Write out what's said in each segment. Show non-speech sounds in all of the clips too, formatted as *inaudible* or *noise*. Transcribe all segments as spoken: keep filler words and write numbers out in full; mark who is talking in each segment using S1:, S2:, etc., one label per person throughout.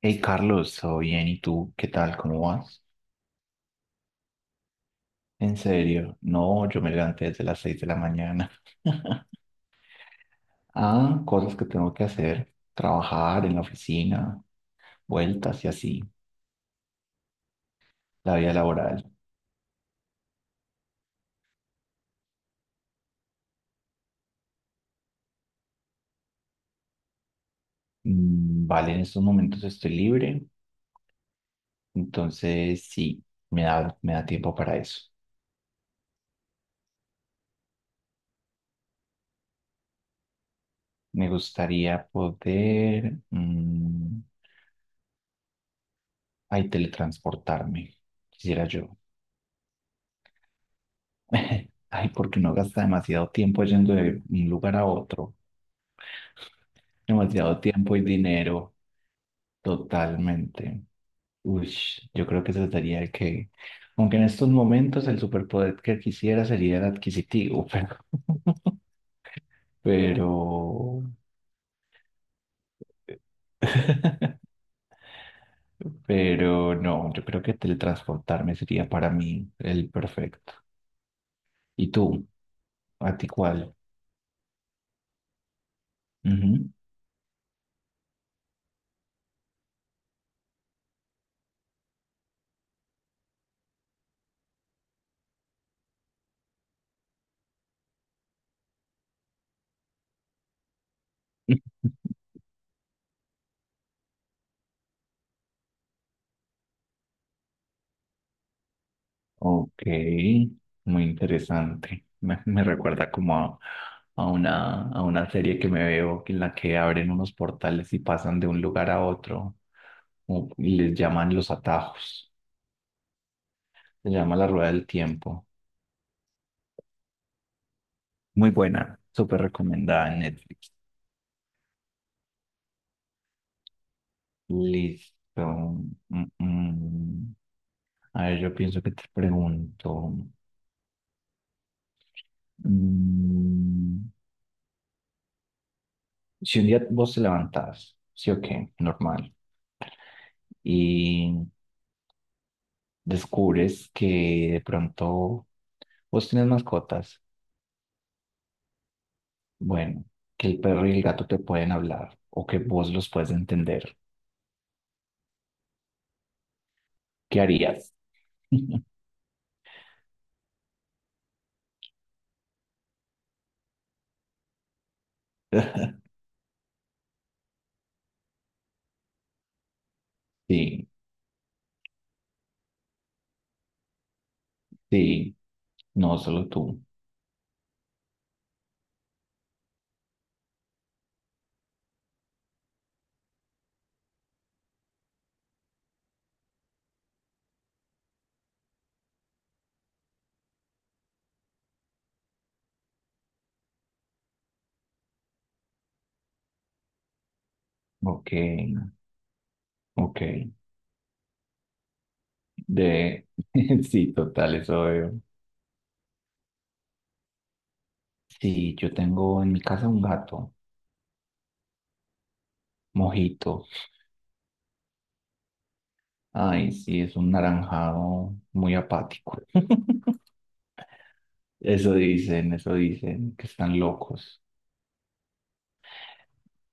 S1: Hey Carlos, ¿todo bien? ¿Y tú? ¿Qué tal? ¿Cómo vas? ¿En serio? No, yo me levanté desde las seis de la mañana. *laughs* Ah, cosas que tengo que hacer. Trabajar en la oficina, vueltas y así. La vida laboral. Mm, vale, en estos momentos estoy libre, entonces sí, me da, me da tiempo para eso. Me gustaría poder, mm, ay, teletransportarme, quisiera yo. *laughs* Ay, porque no gasta demasiado tiempo yendo de un lugar a otro. Demasiado tiempo y dinero, totalmente. Ush, yo creo que trataría de que, aunque en estos momentos el superpoder que quisiera sería el adquisitivo, pero, pero, *laughs* pero no, yo creo que teletransportarme sería para mí el perfecto. ¿Y tú? ¿A ti cuál? Ujú. *laughs* Ok, muy interesante. Me, me recuerda como a, a una, a una serie que me veo en la que abren unos portales y pasan de un lugar a otro o- y les llaman los atajos. Se llama La Rueda del Tiempo. Muy buena, súper recomendada en Netflix. Listo. Mm, mm. A ver, yo pienso que te pregunto. Mm, si un día vos te levantás, sí o qué, normal, y descubres que de pronto vos tienes mascotas, bueno, que el perro y el gato te pueden hablar o que vos los puedes entender, ¿qué harías? *laughs* Sí, sí, no solo tú. Ok, ok. De... *laughs* Sí, total, eso veo. Sí, yo tengo en mi casa un gato, Mojito. Ay, sí, es un naranjado muy apático. *laughs* Eso dicen, eso dicen, que están locos.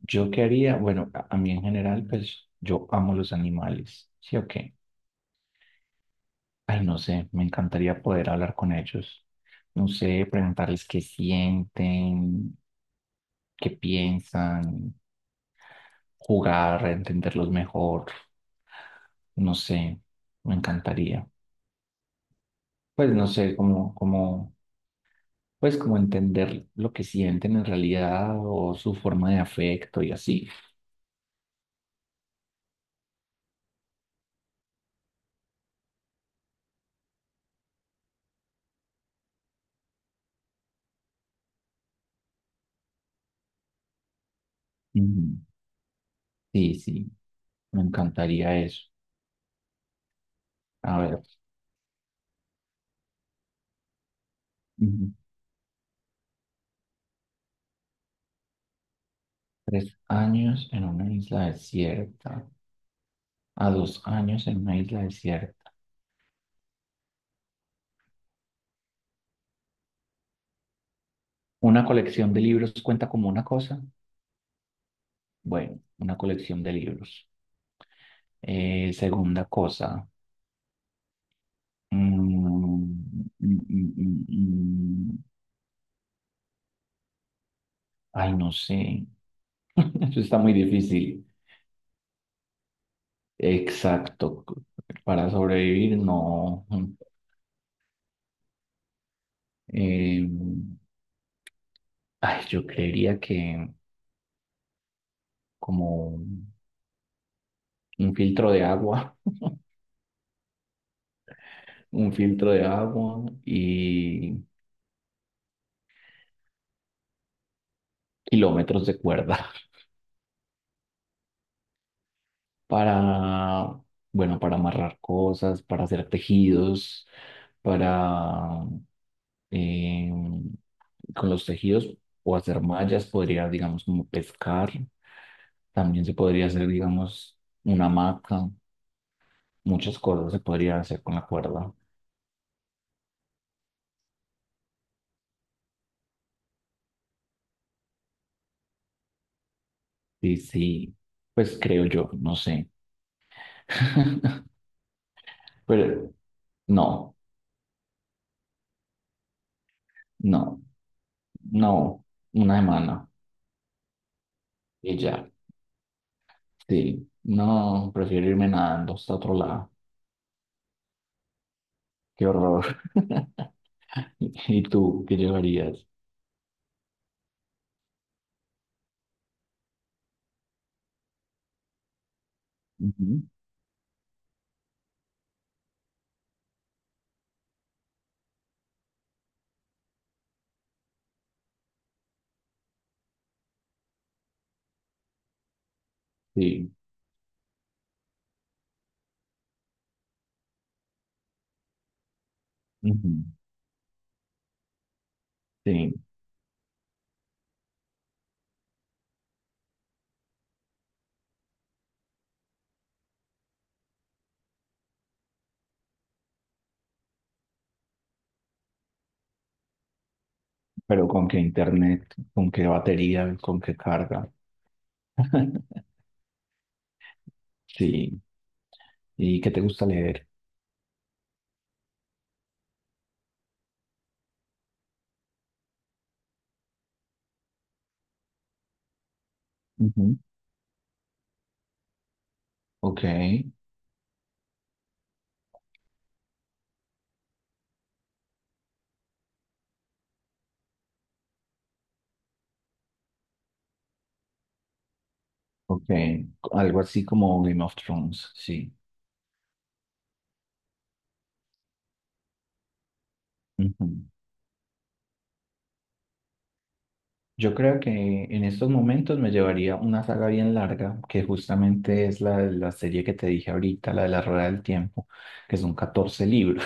S1: ¿Yo qué haría? Bueno, a, a mí en general, pues yo amo los animales, ¿sí o qué? Ay, no sé, me encantaría poder hablar con ellos. No sé, preguntarles qué sienten, qué piensan, jugar, entenderlos mejor. No sé, me encantaría. Pues no sé, como, como pues como entender lo que sienten en realidad o su forma de afecto y así. Ujú. Sí, sí, me encantaría eso. A ver, ujú. Tres años en una isla desierta, a dos años en una isla desierta. ¿Una colección de libros cuenta como una cosa? Bueno, una colección de libros. Eh, segunda cosa. mm, mm, mm, mm, mm. mm, Ay, no sé. *laughs* Eso está muy difícil. Exacto. Para sobrevivir, no. Eh, Ay, yo creería que como un filtro de agua, *laughs* un filtro de agua y kilómetros de cuerda *laughs* para, bueno, para amarrar cosas, para hacer tejidos, para, eh, con los tejidos o hacer mallas, podría, digamos, como pescar. También se podría hacer, digamos, una hamaca. Muchas cosas se podrían hacer con la cuerda. Sí, sí, pues creo yo, no sé. *laughs* Pero no, no, no, una semana y ya. Sí, no, prefiero irme nadando hasta otro lado. Qué horror. *laughs* ¿Y tú qué llevarías? Ujú, sí, ujú, sí, pero ¿con qué internet? ¿Con qué batería? ¿Con qué carga? *laughs* Sí, ¿y qué te gusta leer? Ujú, ok. Ok, algo así como Game of Thrones, sí. Ujú. Yo creo que en estos momentos me llevaría una saga bien larga, que justamente es la la serie que te dije ahorita, la de la Rueda del Tiempo, que son catorce libros.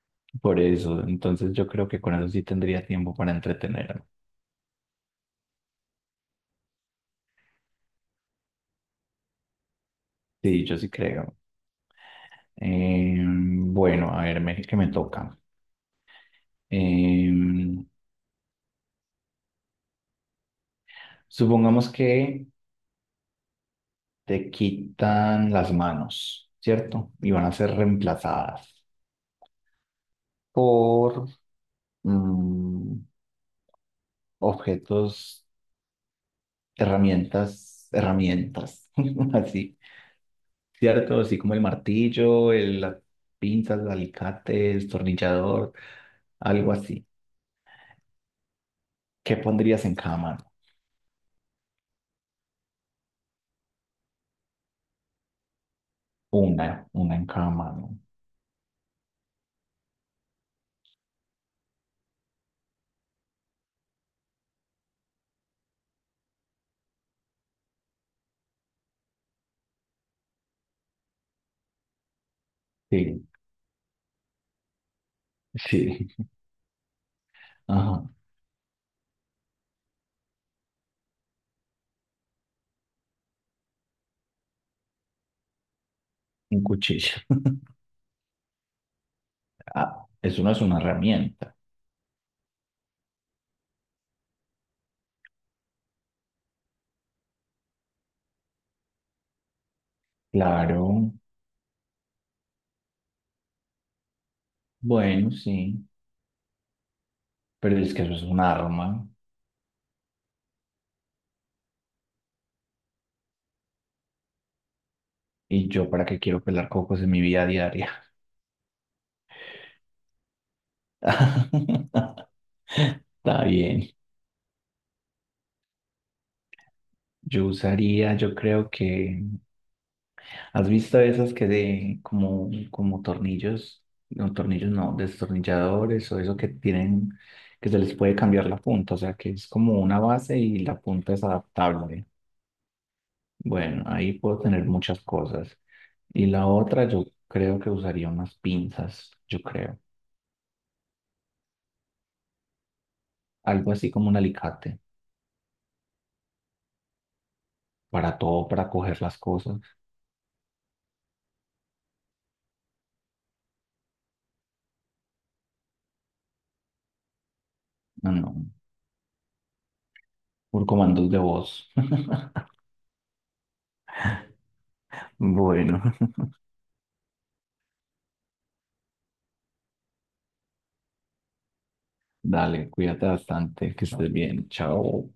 S1: *laughs* Por eso, entonces yo creo que con eso sí tendría tiempo para entretenerme. Sí, yo sí creo. Em, bueno, a ver, me- que me toca. Em, Supongamos que te quitan las manos, ¿cierto? Y van a ser reemplazadas por mm, objetos, herramientas, herramientas, *laughs* así, ¿cierto? Así como el martillo, el, las pinzas, el alicate, el tornillador, algo así. ¿Qué pondrías en cada mano? Una, una en cada mano. Sí, *laughs* sí. Ajá, un cuchillo. *laughs* Ah, eso no es una herramienta. Claro, bueno, sí, pero es que eso es un arma. ¿Y yo para qué quiero pelar cocos en mi vida diaria? *laughs* Está bien. Yo usaría, yo creo que... ¿Has visto esas que de como, como tornillos? No, tornillos no, destornilladores o eso que tienen, que se les puede cambiar la punta, o sea que es como una base y la punta es adaptable. Bueno, ahí puedo tener muchas cosas. Y la otra, yo creo que usaría unas pinzas, yo creo. Algo así como un alicate, para todo, para coger las cosas. No, no, por comandos de voz. *laughs* Bueno, *laughs* dale, cuídate bastante, que estés bien, chao.